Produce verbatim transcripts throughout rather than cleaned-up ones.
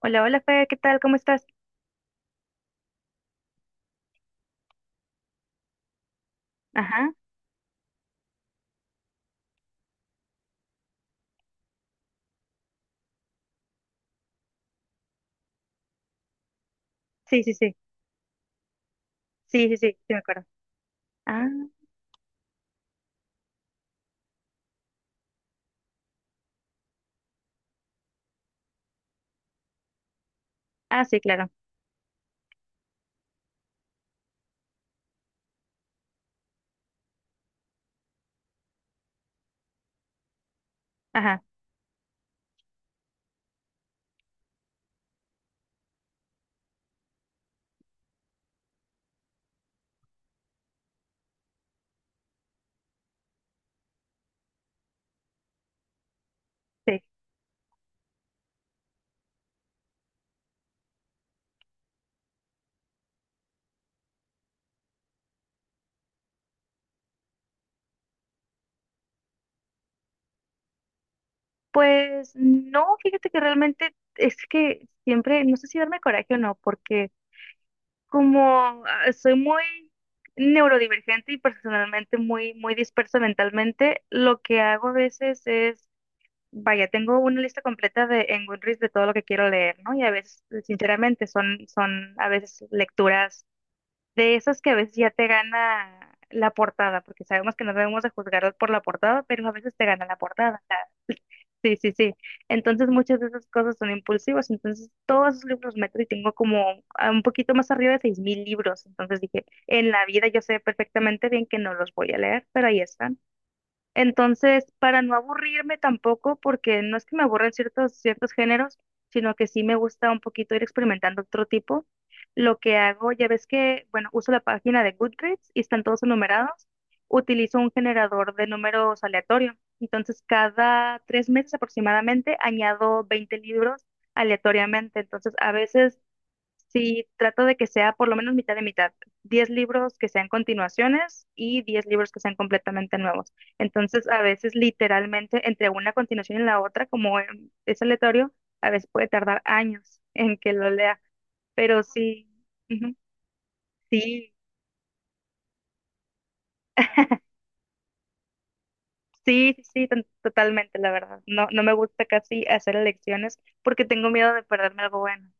Hola, hola, Fer, ¿qué tal? ¿Cómo estás? Ajá, sí, sí, sí, sí, sí, sí, sí, me acuerdo. Ah, ah, sí, claro. Ajá, sí. Pues no, fíjate que realmente es que siempre, no sé si darme coraje o no, porque como ah, soy muy neurodivergente y personalmente muy, muy dispersa mentalmente, lo que hago a veces es, vaya, tengo una lista completa de en Goodreads de todo lo que quiero leer, ¿no? Y a veces, sinceramente, son, son a veces lecturas de esas que a veces ya te gana la portada, porque sabemos que no debemos de juzgarlos por la portada, pero a veces te gana la portada. la- Sí, sí, sí. Entonces muchas de esas cosas son impulsivas. Entonces todos esos libros meto y tengo como a un poquito más arriba de seis mil libros. Entonces dije, en la vida yo sé perfectamente bien que no los voy a leer, pero ahí están. Entonces, para no aburrirme tampoco, porque no es que me aburren ciertos, ciertos géneros, sino que sí me gusta un poquito ir experimentando otro tipo, lo que hago, ya ves que, bueno, uso la página de Goodreads y están todos enumerados, utilizo un generador de números aleatorio. Entonces, cada tres meses aproximadamente añado veinte libros aleatoriamente. Entonces, a veces sí, trato de que sea por lo menos mitad de mitad. Diez libros que sean continuaciones y diez libros que sean completamente nuevos. Entonces, a veces literalmente entre una continuación y la otra, como eh, es aleatorio, a veces puede tardar años en que lo lea. Pero sí, ujú, sí, sí, sí, sí, to- totalmente, la verdad. No, no me gusta casi hacer elecciones porque tengo miedo de perderme algo bueno.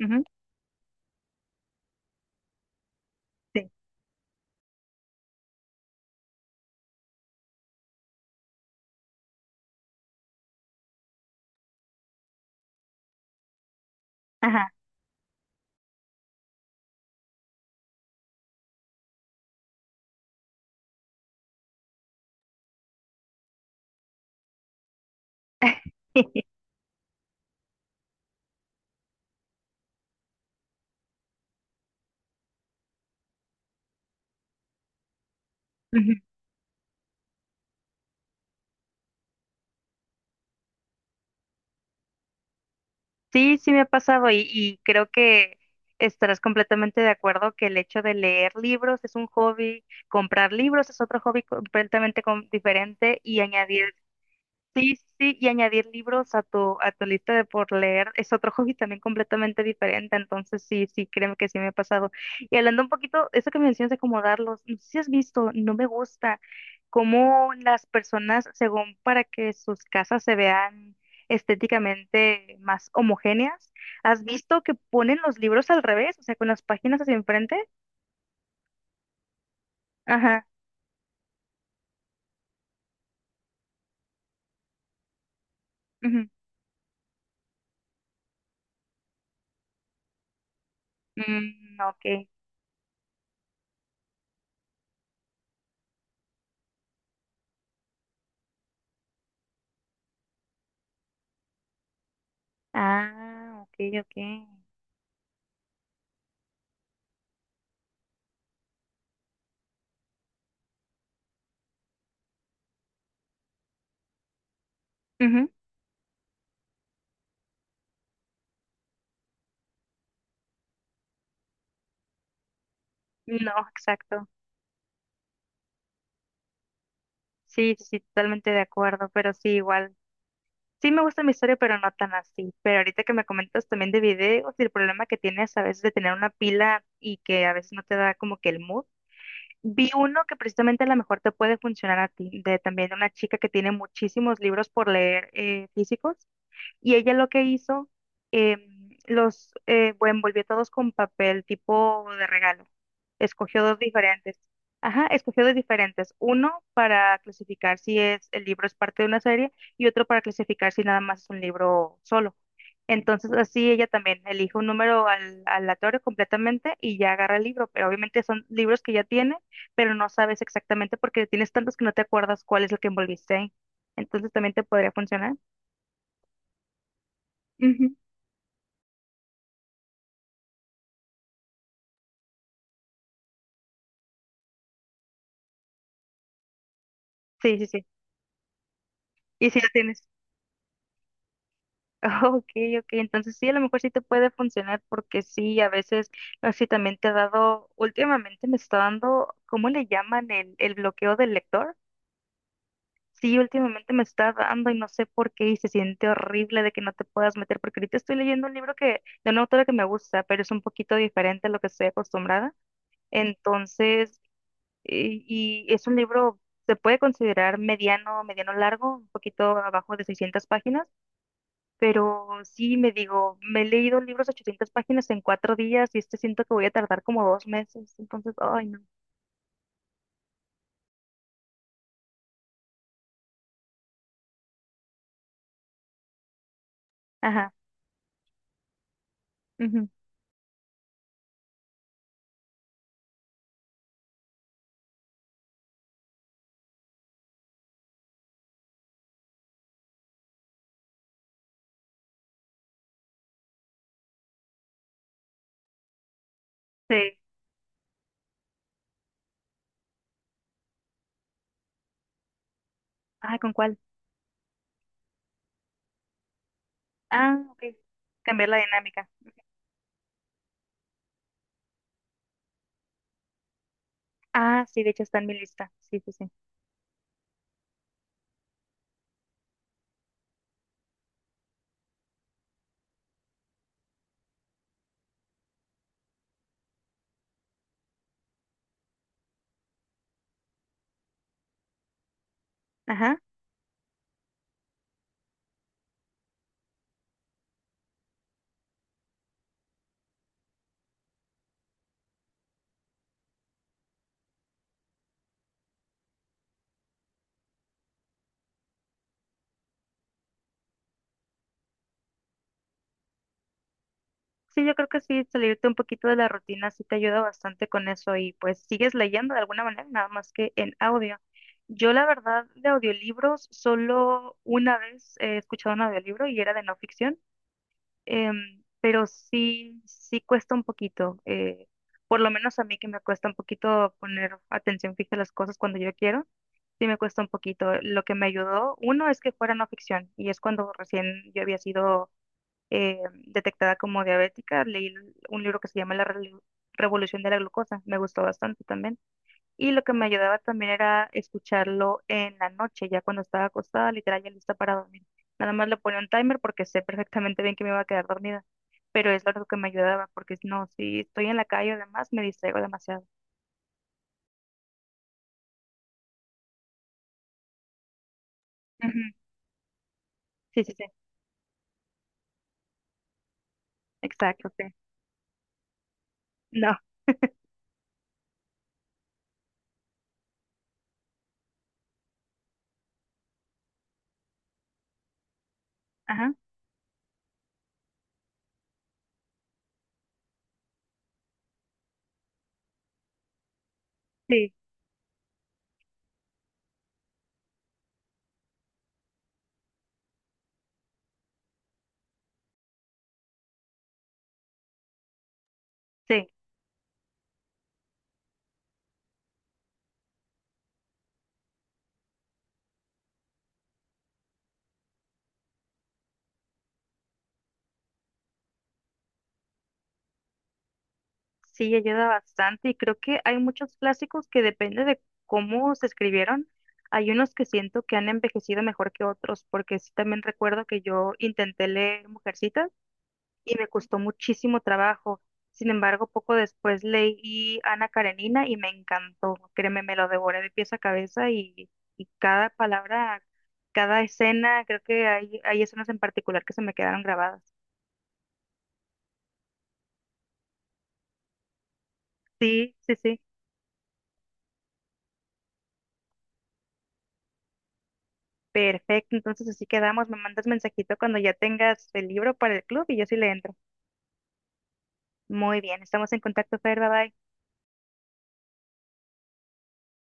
Ujú, sí, ajá. Ujú. Sí, sí me ha pasado y, y creo que estarás completamente de acuerdo que el hecho de leer libros es un hobby, comprar libros es otro hobby completamente com- diferente y añadir sí, sí, sí, y añadir libros a tu, a tu lista de por leer es otro hobby también completamente diferente, entonces sí, sí, créeme que sí me ha pasado. Y hablando un poquito, eso que mencionas de acomodarlos, no sé si has visto, no me gusta cómo las personas, según para que sus casas se vean estéticamente más homogéneas, ¿has visto que ponen los libros al revés, o sea, con las páginas hacia enfrente? Ajá, ujú. Mm, ok. Ah, ok, ok. Ujú. No, exacto. Sí, sí, totalmente de acuerdo, pero sí, igual. Sí me gusta mi historia, pero no tan así. Pero ahorita que me comentas también de videos y el problema que tienes a veces de tener una pila y que a veces no te da como que el mood. Vi uno que precisamente a lo mejor te puede funcionar a ti, de también una chica que tiene muchísimos libros por leer eh, físicos y ella lo que hizo, em, los eh, bueno, envolvió todos con papel tipo de regalo. Escogió dos diferentes. Ajá, escogió dos diferentes. Uno para clasificar si es el libro es parte de una serie y otro para clasificar si nada más es un libro solo. Entonces así ella también elige un número al, aleatorio completamente y ya agarra el libro. Pero obviamente son libros que ya tiene, pero no sabes exactamente porque tienes tantos que no te acuerdas cuál es el que envolviste ahí. Entonces también te podría funcionar. Ujú. Sí, sí, sí. Y si la tienes. Ok, ok. Entonces sí, a lo mejor sí te puede funcionar porque sí, a veces, no sé si también te ha dado, últimamente me está dando, ¿cómo le llaman el, el bloqueo del lector? Sí, últimamente me está dando y no sé por qué y se siente horrible de que no te puedas meter porque ahorita estoy leyendo un libro que, de una autora que me gusta, pero es un poquito diferente a lo que estoy acostumbrada. Entonces, y, y es un libro, se puede considerar mediano, mediano largo, un poquito abajo de seiscientas páginas. Pero sí, me digo, me he leído libros de ochocientas páginas en cuatro días y este siento que voy a tardar como dos meses. Entonces, ay, no. Ajá, ujú, sí. Ah, ¿con cuál? Ah, ok. Cambiar la dinámica. Ah, sí, de hecho está en mi lista. Sí, sí, sí. Ajá. Sí, yo creo que sí, salirte un poquito de la rutina sí te ayuda bastante con eso y pues sigues leyendo de alguna manera, nada más que en audio. Yo la verdad de audiolibros, solo una vez he escuchado un audiolibro y era de no ficción. Em, pero sí, sí cuesta un poquito. Eh, por lo menos a mí que me cuesta un poquito poner atención fija a las cosas cuando yo quiero, sí me cuesta un poquito. Lo que me ayudó, uno, es que fuera no ficción, y es cuando recién yo había sido eh, detectada como diabética, leí un libro que se llama La Relu- Revolución de la Glucosa, me gustó bastante también. Y lo que me ayudaba también era escucharlo en la noche, ya cuando estaba acostada, literal, ya lista para dormir. Nada más le ponía un timer porque sé perfectamente bien que me iba a quedar dormida, pero es lo que me ayudaba, porque no, si estoy en la calle o demás, me distraigo demasiado. Ujú, sí, sí, sí, exacto, sí. No, ajá, sí, sí, sí, ayuda bastante y creo que hay muchos clásicos que depende de cómo se escribieron. Hay unos que siento que han envejecido mejor que otros, porque sí también recuerdo que yo intenté leer Mujercitas y me costó muchísimo trabajo. Sin embargo, poco después leí Ana Karenina y me encantó. Créeme, me lo devoré de pies a cabeza y, y cada palabra, cada escena, creo que hay, hay escenas en particular que se me quedaron grabadas. Sí, sí, sí. Perfecto, entonces así quedamos. Me mandas mensajito cuando ya tengas el libro para el club y yo sí le entro. Muy bien, estamos en contacto, Fer, bye bye.